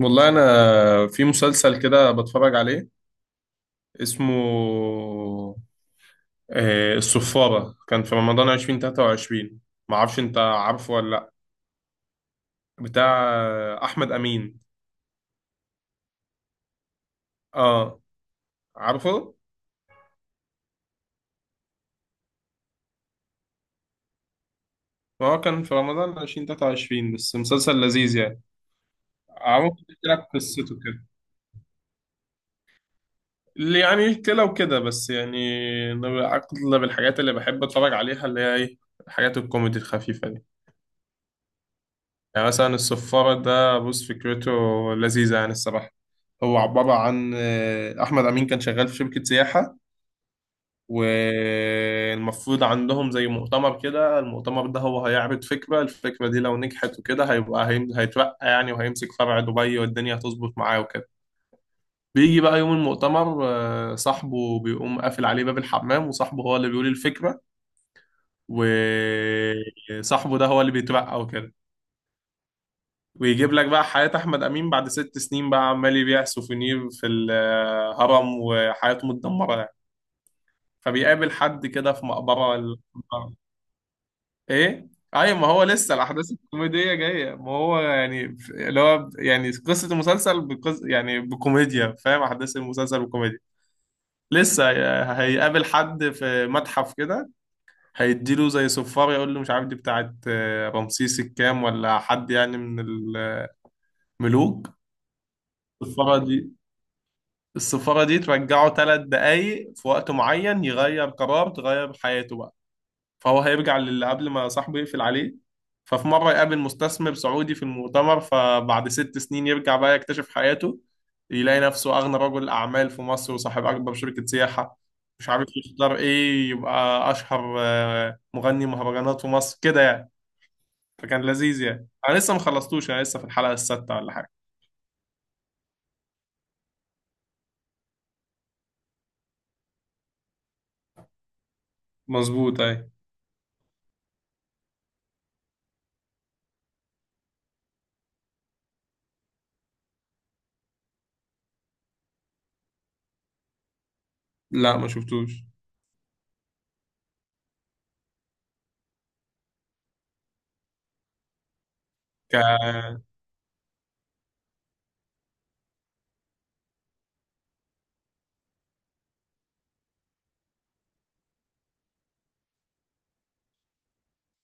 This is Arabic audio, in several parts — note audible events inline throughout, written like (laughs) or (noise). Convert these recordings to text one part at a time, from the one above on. والله انا في مسلسل كده بتفرج عليه اسمه الصفارة. كان في رمضان 2023. ما اعرفش انت عارفه ولا لا. بتاع احمد امين. اه، عارفه. هو كان في رمضان 2023 بس مسلسل لذيذ يعني. عمرو احكي لك قصته كده، اللي يعني كده وكده بس يعني. أنا اغلب الحاجات اللي بحب اتفرج عليها اللي هي ايه، الحاجات الكوميدي الخفيفة. يعني مثلا الصفارة ده بص فكرته لذيذة يعني الصراحة. هو عبارة عن أحمد أمين كان شغال في شركة سياحة. والمفروض عندهم زي مؤتمر كده، المؤتمر ده هو هيعرض فكرة، الفكرة دي لو نجحت وكده هيبقى هيترقى يعني، وهيمسك فرع دبي والدنيا هتظبط معاه وكده. بيجي بقى يوم المؤتمر، صاحبه بيقوم قافل عليه باب الحمام، وصاحبه هو اللي بيقول الفكرة. وصاحبه ده هو اللي بيترقى وكده. ويجيب لك بقى حياة أحمد أمين بعد ست سنين بقى، عمال يبيع سوفينير في الهرم وحياته متدمرة يعني. فبيقابل حد كده في مقبرة إيه؟ أيوة، ما هو لسه الأحداث الكوميدية جاية، ما هو يعني اللي هو يعني قصة المسلسل يعني بكوميديا، فاهم، أحداث المسلسل بكوميديا. لسه هيقابل حد في متحف كده، هيديله زي صفار، يقول له مش عارف دي بتاعت رمسيس الكام، ولا حد يعني من الملوك. الصفارة دي، السفارة دي ترجعه ثلاث دقايق في وقت معين، يغير قرار تغير حياته بقى. فهو هيرجع للي قبل ما صاحبه يقفل عليه. ففي مرة يقابل مستثمر سعودي في المؤتمر، فبعد ست سنين يرجع بقى، يكتشف حياته، يلاقي نفسه أغنى رجل أعمال في مصر وصاحب أكبر شركة سياحة. مش عارف يختار إيه، يبقى أشهر مغني مهرجانات في مصر كده يعني. فكان لذيذ يعني. أنا لسه ما خلصتوش، أنا لسه في الحلقة السادسة ولا حاجة. مظبوط، أي. لا، ما شفتوش. ك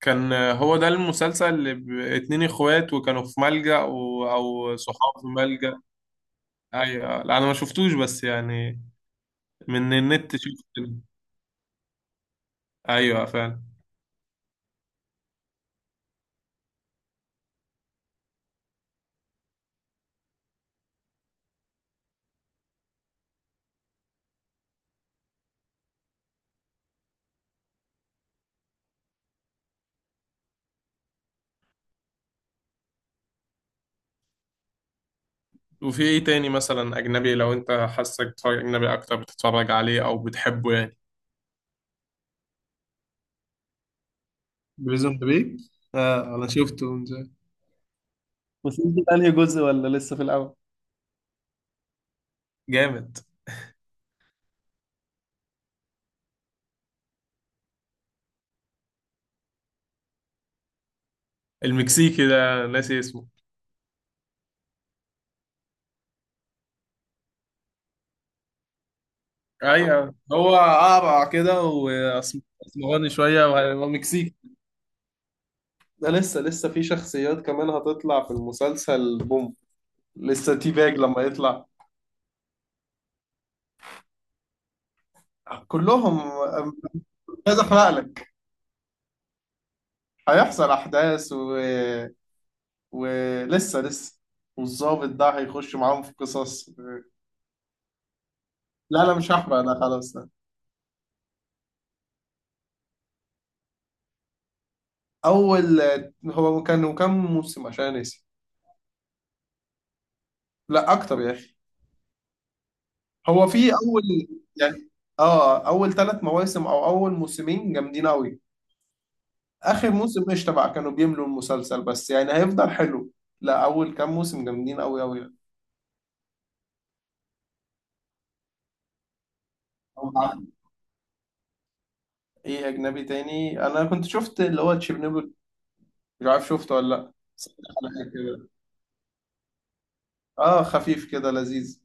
كان هو ده المسلسل اللي اتنين اخوات، وكانوا في ملجأ او صحاب في ملجأ. ايوه، لا انا ما شفتوش بس يعني من النت شفت. ايوه فعلا. وفي ايه تاني مثلا اجنبي، لو انت حاسك بتتفرج اجنبي اكتر بتتفرج عليه او بتحبه يعني. بريزون بريك. آه، أنا شفته من زمان. بس انت انهي جزء ولا لسه في الاول؟ جامد. المكسيكي ده ناسي اسمه. ايوه، هو اقرع كده واسمراني شويه وهو مكسيكي. ده لسه في شخصيات كمان هتطلع في المسلسل بوم، لسه تي باج لما يطلع. كلهم. مش عايز احرق لك. هيحصل احداث ولسه، والظابط ده هيخش معاهم في قصص. لا لا، مش هحرق انا، خلاص ده. اول. هو كان كام موسم عشان نسي؟ لا اكتر يا اخي. هو في اول يعني، اه اول ثلاث مواسم او اول موسمين جامدين قوي. اخر موسم مش تبع، كانوا بيملوا المسلسل، بس يعني هيفضل حلو. لا، اول كام موسم جامدين قوي قوي يعني. أو عارف. ايه اجنبي تاني؟ انا كنت شفت اللي هو تشيرنوبل، مش عارف شفته ولا لا، بس حلقة كده. اه، خفيف كده لذيذ.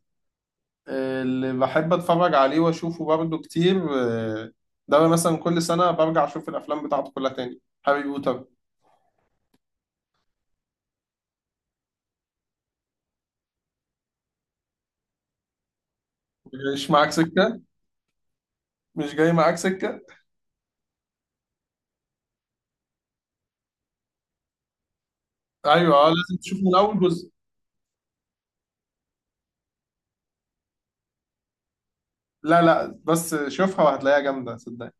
اللي بحب اتفرج عليه واشوفه برضه كتير، ده مثلا كل سنة برجع اشوف الافلام بتاعته كلها تاني، هاري بوتر. مش معاك سكة. مش جاي معاك سكة. ايوه، اه لازم تشوف من اول جزء. لا لا، بس شوفها وهتلاقيها جامدة صدقني.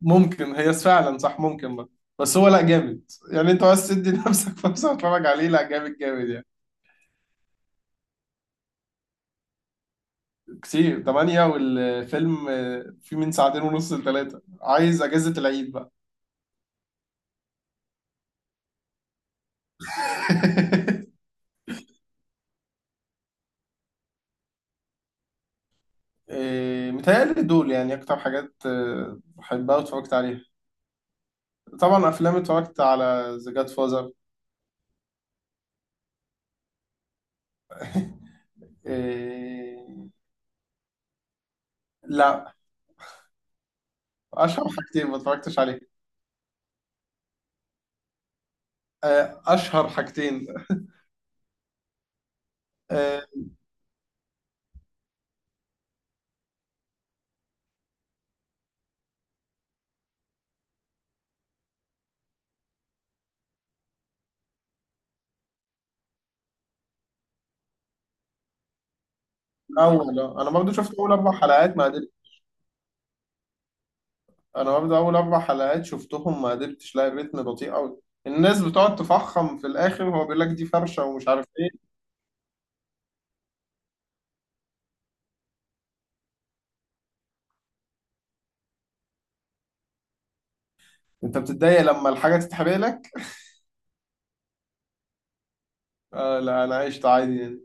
ممكن، هي فعلا صح، ممكن بقى. بس هو لا جامد يعني، انت بس تدي لنفسك (laughs) فرصه تتفرج عليه، لا جامد جامد يعني. كتير، تمانية. والفيلم فيه من ساعتين ونص لثلاثة، عايز اجازة العيد بقى. (laughs) متهيألي دول يعني اكتر حاجات بحبها واتفرجت عليها. طبعا افلام اتفرجت على ذا جاد فازر. لا، اشهر حاجتين ما اتفرجتش عليها. اشهر حاجتين. آه، الاول، انا برضو شفت اول اربع حلقات ما. انا برضه اول اربع حلقات شفتهم ما قدرتش، لاقي الريتم بطيء قوي. الناس بتقعد تفخم في الاخر وهو بيقول لك دي فرشه ومش عارف ايه. انت بتتضايق لما الحاجه تتحرق لك؟ لا، انا عشت عادي يعني.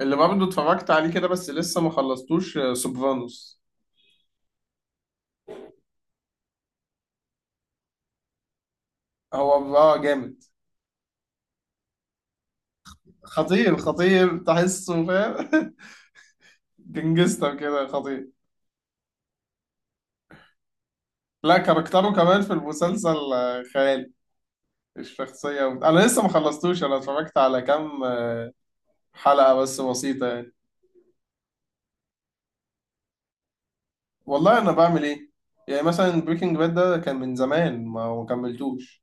اللي برضه اتفرجت عليه كده بس لسه ما خلصتوش سوبرانوس. هو جامد. خطير، خطير تحسه فاهم. (laughs) جنجستر كده خطير. لا، كاركتره كمان في المسلسل خيالي، الشخصيه. انا لسه ما خلصتوش، انا اتفرجت على كام حلقه بس بسيطه يعني. والله انا بعمل ايه. يعني مثلا بريكنج باد ده كان من زمان ما كملتوش.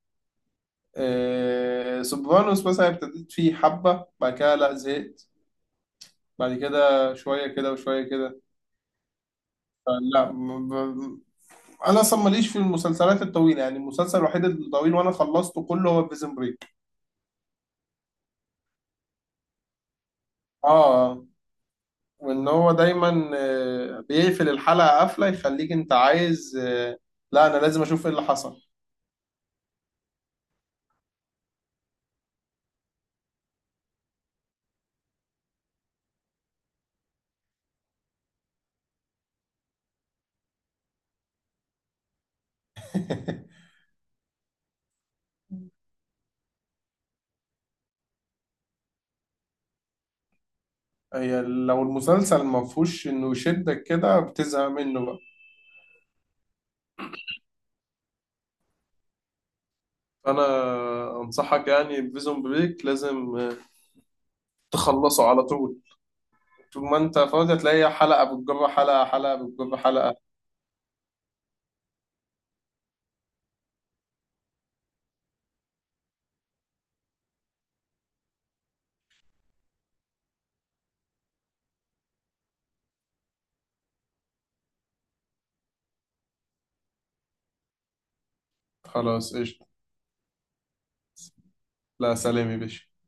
آه، سوبرانوس مثلا ابتديت فيه حبة، بعد كده لا زهقت، بعد كده شوية كده وشوية كده. لا انا اصلا ماليش في المسلسلات الطويلة، يعني المسلسل الوحيد الطويل وانا خلصته كله هو بريزن بريك. اه، وان هو دايما بيقفل الحلقة قفلة يخليك انت عايز، لا انا لازم اشوف ايه اللي حصل. هي لو المسلسل ما فيهوش انه يشدك كده بتزهق منه بقى. فانا انصحك يعني بفيزون بريك، لازم تخلصه على طول. طول ما انت فاضي هتلاقي حلقة بتجر حلقة، حلقة بتجر حلقة. خلاص قشطة. لا، سلام يا باشا.